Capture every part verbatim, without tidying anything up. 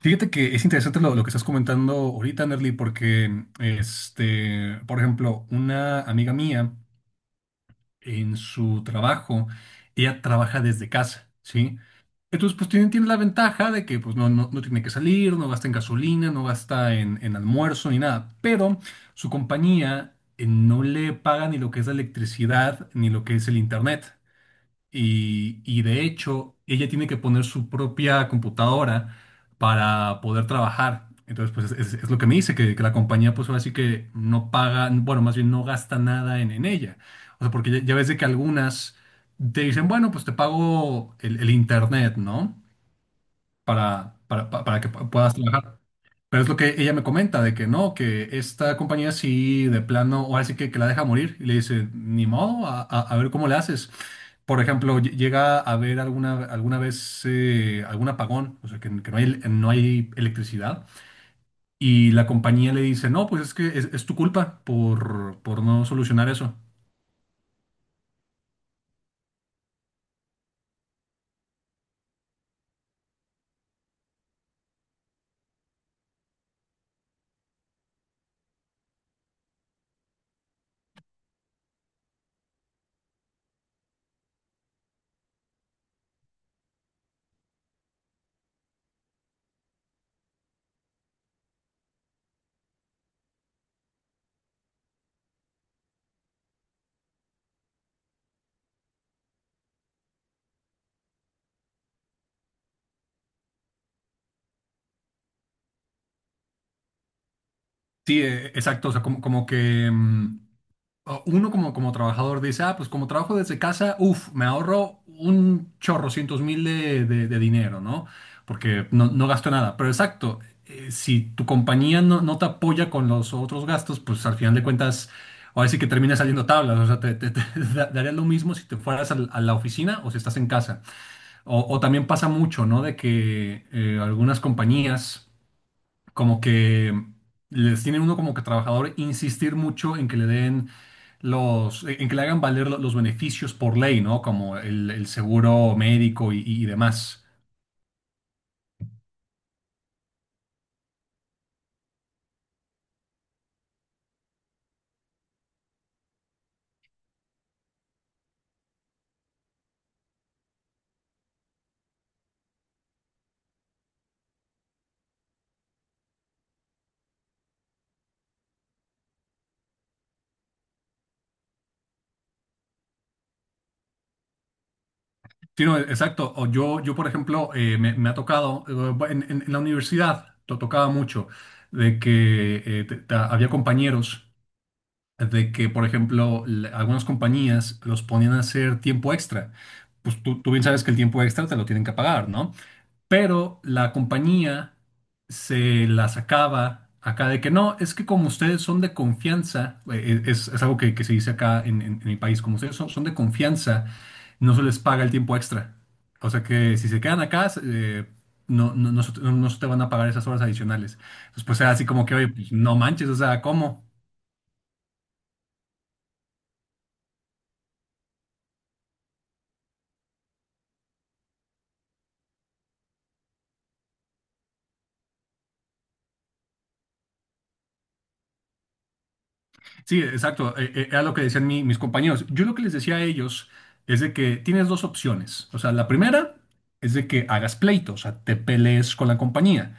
Fíjate que es interesante lo, lo que estás comentando ahorita, Nerly, porque, este, por ejemplo, una amiga mía en su trabajo, ella trabaja desde casa, ¿sí? Entonces, pues tiene, tiene la ventaja de que pues, no, no, no tiene que salir, no gasta en gasolina, no gasta en, en almuerzo ni nada, pero su compañía eh, no le paga ni lo que es la electricidad ni lo que es el internet. Y, y de hecho, ella tiene que poner su propia computadora para poder trabajar. Entonces, pues es, es lo que me dice, que, que la compañía, pues ahora sí que no paga, bueno, más bien no gasta nada en, en ella. O sea, porque ya, ya ves de que algunas te dicen, bueno, pues te pago el, el internet, ¿no? Para, para, pa- para que pu- puedas trabajar. Pero es lo que ella me comenta, de que no, que esta compañía sí, de plano, ahora sí que, que la deja morir. Y le dice, ni modo, a, a- a ver cómo le haces. Por ejemplo, ll- llega a haber alguna, alguna vez eh, algún apagón, o sea, que, que no hay, no hay electricidad. Y la compañía le dice, no, pues es que es, es tu culpa por, por no solucionar eso. Sí, eh, exacto, o sea, como, como que... mm, o uno como, como trabajador dice, ah, pues como trabajo desde casa, uff, me ahorro un chorro, cientos mil de, de- de dinero, ¿no? Porque no, no gasto nada. Pero exacto, eh, si tu compañía no, no te apoya con los otros gastos, pues al final de cuentas, ahora sí que termina saliendo tablas. O sea, te, te- te da- daría lo mismo si te fueras al- a la oficina o si estás en casa. O, o también pasa mucho, ¿no? De que eh, algunas compañías como que les tienen uno como que trabajador insistir mucho en que le den los, en que le hagan valer lo- los beneficios por ley, ¿no? Como el, el seguro médico y, y demás. Sí, no, exacto. O yo, yo, por ejemplo, eh, me, me ha tocado, eh, en, en- en la universidad, lo tocaba mucho, de que eh, te- te- había compañeros. De que, por ejemplo, le- algunas compañías los ponían a hacer tiempo extra. Pues tú, tú bien sabes que el tiempo extra te lo tienen que pagar, ¿no? Pero la compañía se la sacaba acá de que no, es que como ustedes son de confianza, eh, eh, es, es algo que, que se dice acá en, en- en mi país, como ustedes son, son de confianza, no se les paga el tiempo extra. O sea que si se quedan acá, se- eh, no, no, no, se- no no se te van a pagar esas horas adicionales. Entonces, pues era así como que, oye, pues, no manches, o sea, ¿cómo? Sí, exacto. Eh, eh, era lo que decían mi- mis compañeros. Yo lo que les decía a ellos es de que tienes dos opciones. O sea, la primera es de que hagas pleito, o sea, te pelees con la compañía.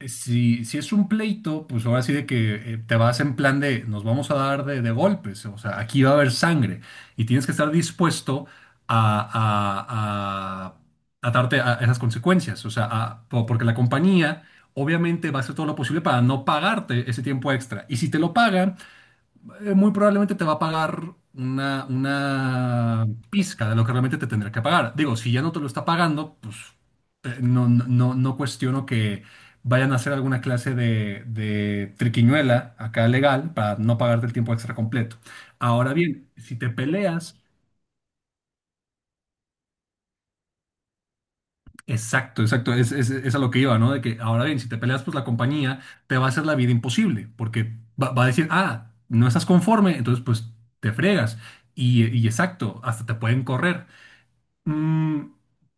Eh, Si, si es un pleito, pues ahora sí de que eh, te vas en plan de nos vamos a dar de, de golpes, o sea, aquí va a haber sangre y tienes que estar dispuesto a, a, a- a darte a esas consecuencias. O sea, a- po- porque la compañía obviamente va a hacer todo lo posible para no pagarte ese tiempo extra. Y si te lo pagan eh, muy probablemente te va a pagar una, una pizca de lo que realmente te tendrá que pagar. Digo, si ya no te lo está pagando, pues eh, no, no, no no cuestiono que vayan a hacer alguna clase de, de triquiñuela acá legal para no pagarte el tiempo extra completo. Ahora bien, si te peleas. Exacto, exacto. Es, es, es a lo que iba, ¿no? De que ahora bien, si te peleas, pues la compañía te va a hacer la vida imposible, porque va, va a decir, ah, no estás conforme, entonces pues te fregas. Y, y exacto, hasta te pueden correr. Mm,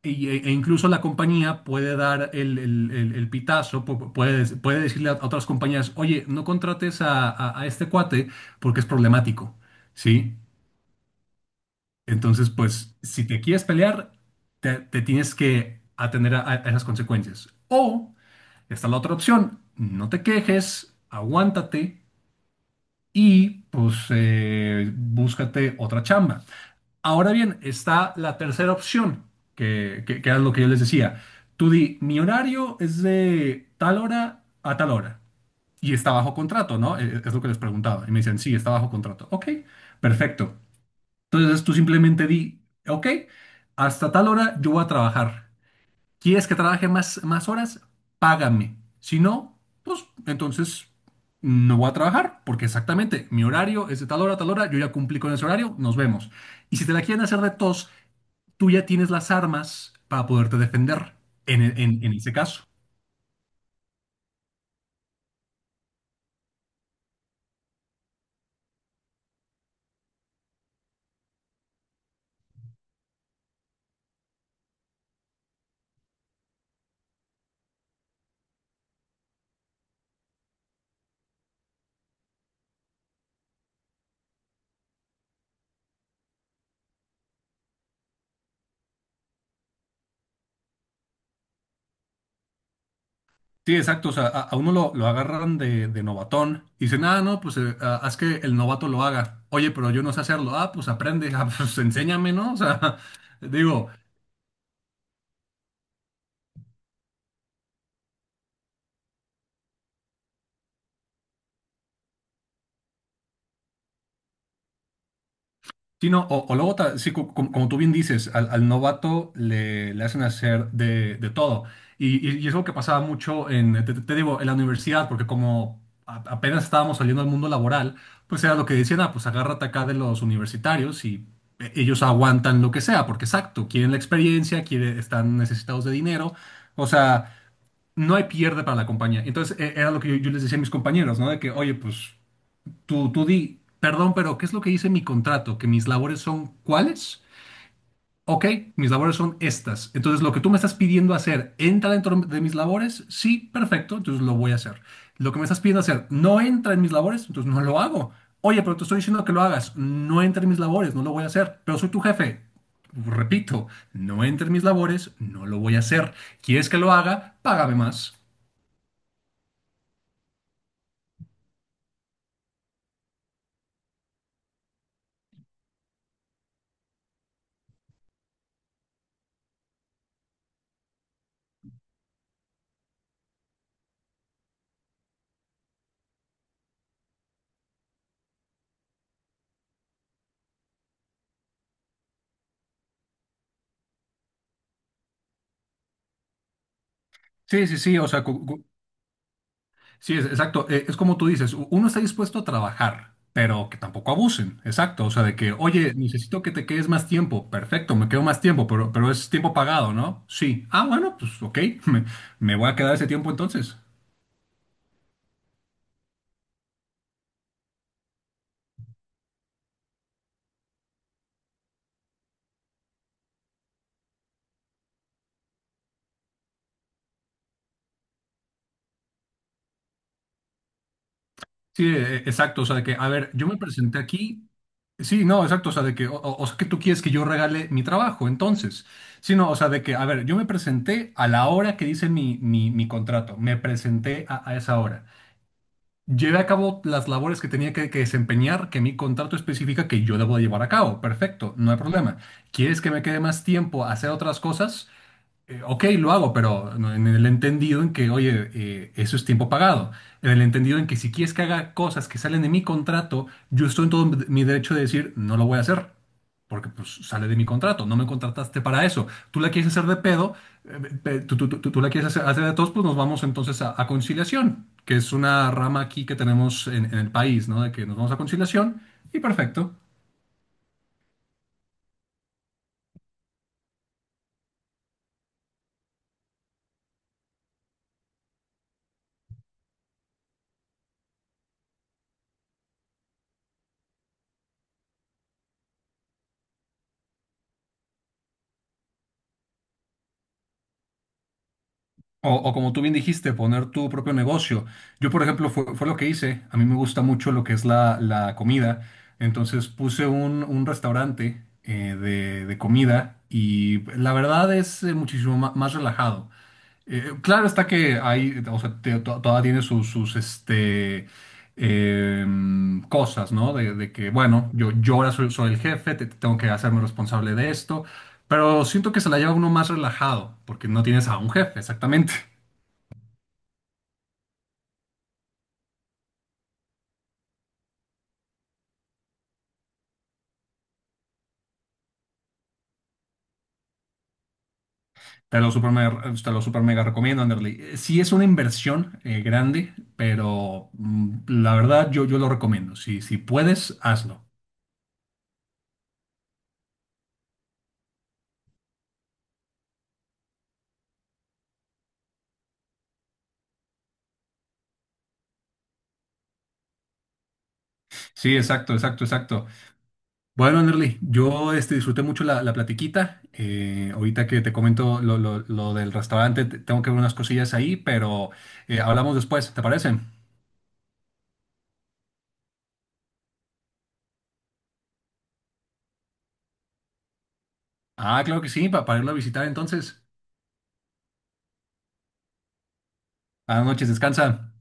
y- e, E incluso la compañía puede dar el, el- el- el pitazo, pu- puede, dec- puede decirle a otras compañías, oye, no contrates a, a- a este cuate porque es problemático, ¿sí? Entonces, pues, si te quieres pelear, te, te tienes que atender a, a esas consecuencias. O está la otra opción, no te quejes, aguántate y pues eh, búscate otra chamba. Ahora bien, está la tercera opción, que, que, que era lo que yo les decía. Tú di, mi horario es de tal hora a tal hora. Y está bajo contrato, ¿no? Eh, Es lo que les preguntaba. Y me dicen, sí, está bajo contrato. Ok, perfecto. Entonces tú simplemente di, ok, hasta tal hora yo voy a trabajar. ¿Quieres que trabaje más, más horas? Págame. Si no, pues entonces no voy a trabajar, porque exactamente mi horario es de tal hora a tal hora, yo ya cumplí con ese horario, nos vemos. Y si te la quieren hacer de tos, tú ya tienes las armas para poderte defender en, en en ese caso. Sí, exacto. O sea, a, a uno lo, lo agarran de, de novatón y dicen, ah, no, pues eh, ah, haz que el novato lo haga. Oye, pero yo no sé hacerlo. Ah, pues aprende. Ah, pues enséñame, ¿no? O sea, digo. Sí, no, o, o luego, ta- sí, co- como, como tú bien dices, al, al novato le, le hacen hacer de, de todo. Y, y, y es algo que pasaba mucho en, te, te digo, en la universidad, porque como a- apenas estábamos saliendo al mundo laboral, pues era lo que decían, ah, pues agárrate acá de los universitarios y e- ellos aguantan lo que sea, porque exacto, quieren la experiencia, quieren, están necesitados de dinero, o sea, no hay pierde para la compañía. Entonces, e- era lo que yo, yo les decía a mis compañeros, ¿no? De que, oye, pues... Tú, tú di, perdón, pero ¿qué es lo que dice mi contrato? ¿Que mis labores son cuáles? Ok, mis labores son estas. Entonces, lo que tú me estás pidiendo hacer, ¿entra dentro de mis labores? Sí, perfecto, entonces lo voy a hacer. Lo que me estás pidiendo hacer, ¿no entra en mis labores? Entonces no lo hago. Oye, pero te estoy diciendo que lo hagas. No entra en mis labores, no lo voy a hacer. Pero soy tu jefe. Repito, no entra en mis labores, no lo voy a hacer. ¿Quieres que lo haga? Págame más. Sí, sí, sí, o sea, cu- Sí, es- exacto. Eh, es como tú dices, u- uno está dispuesto a trabajar, pero que tampoco abusen. Exacto. O sea, de que, oye, necesito que te quedes más tiempo. Perfecto, me quedo más tiempo, pero, pero es tiempo pagado, ¿no? Sí. Ah, bueno, pues ok, me, me voy a quedar ese tiempo entonces. Sí, eh, exacto. O sea, de que, a ver, yo me presenté aquí. Sí, no, exacto. O sea, de que, o, o- o sea, que tú quieres que yo regale mi trabajo, entonces. Sí, no, o sea, de que, a ver, yo me presenté a la hora que dice mi, mi, mi contrato. Me presenté a a esa hora. Llevé a cabo las labores que tenía que, que desempeñar, que mi contrato especifica que yo debo de llevar a cabo. Perfecto, no hay problema. ¿Quieres que me quede más tiempo a hacer otras cosas? Eh, ok, lo hago, pero no- en el entendido en que, oye, eh, eso es tiempo pagado. En el entendido en que si quieres que haga cosas que salen de mi contrato, yo estoy en todo mi mi derecho de decir, no lo voy a hacer. Porque pues sale de mi contrato, no me contrataste para eso. Tú la quieres hacer de pedo, eh, pe- tú, tú- tú- tú la quieres hacer, hacer de todos, pues nos vamos entonces a, a conciliación, que es una rama aquí que tenemos en, en el país, ¿no? De que nos vamos a conciliación y perfecto. O, o como tú bien dijiste, poner tu propio negocio. Yo, por ejemplo, fue, fue lo que hice. A mí me gusta mucho lo que es la, la comida. Entonces puse un, un restaurante eh, de, de comida y la verdad es eh, muchísimo ma- más relajado. Eh, claro está que hay, o sea, te- to- todavía tiene sus, sus este, em, cosas, ¿no? De, de que, bueno, yo, yo ahora soy, soy el jefe, te- tengo que hacerme responsable de esto. Pero siento que se la lleva uno más relajado, porque no tienes a un jefe, exactamente. Te lo super mega, te lo super mega recomiendo, Anderly. Eh, Sí es una inversión eh, grande, pero mm, la verdad yo, yo lo recomiendo. Si, si puedes, hazlo. Sí, exacto, exacto, exacto. Bueno, Anderly, yo este, disfruté mucho la, la platiquita. Eh, ahorita que te comento lo, lo- lo del restaurante, te- tengo que ver unas cosillas ahí, pero eh, hablamos después, ¿te parece? Ah, claro que sí, pa- para irlo a visitar entonces. Buenas noches, descansa.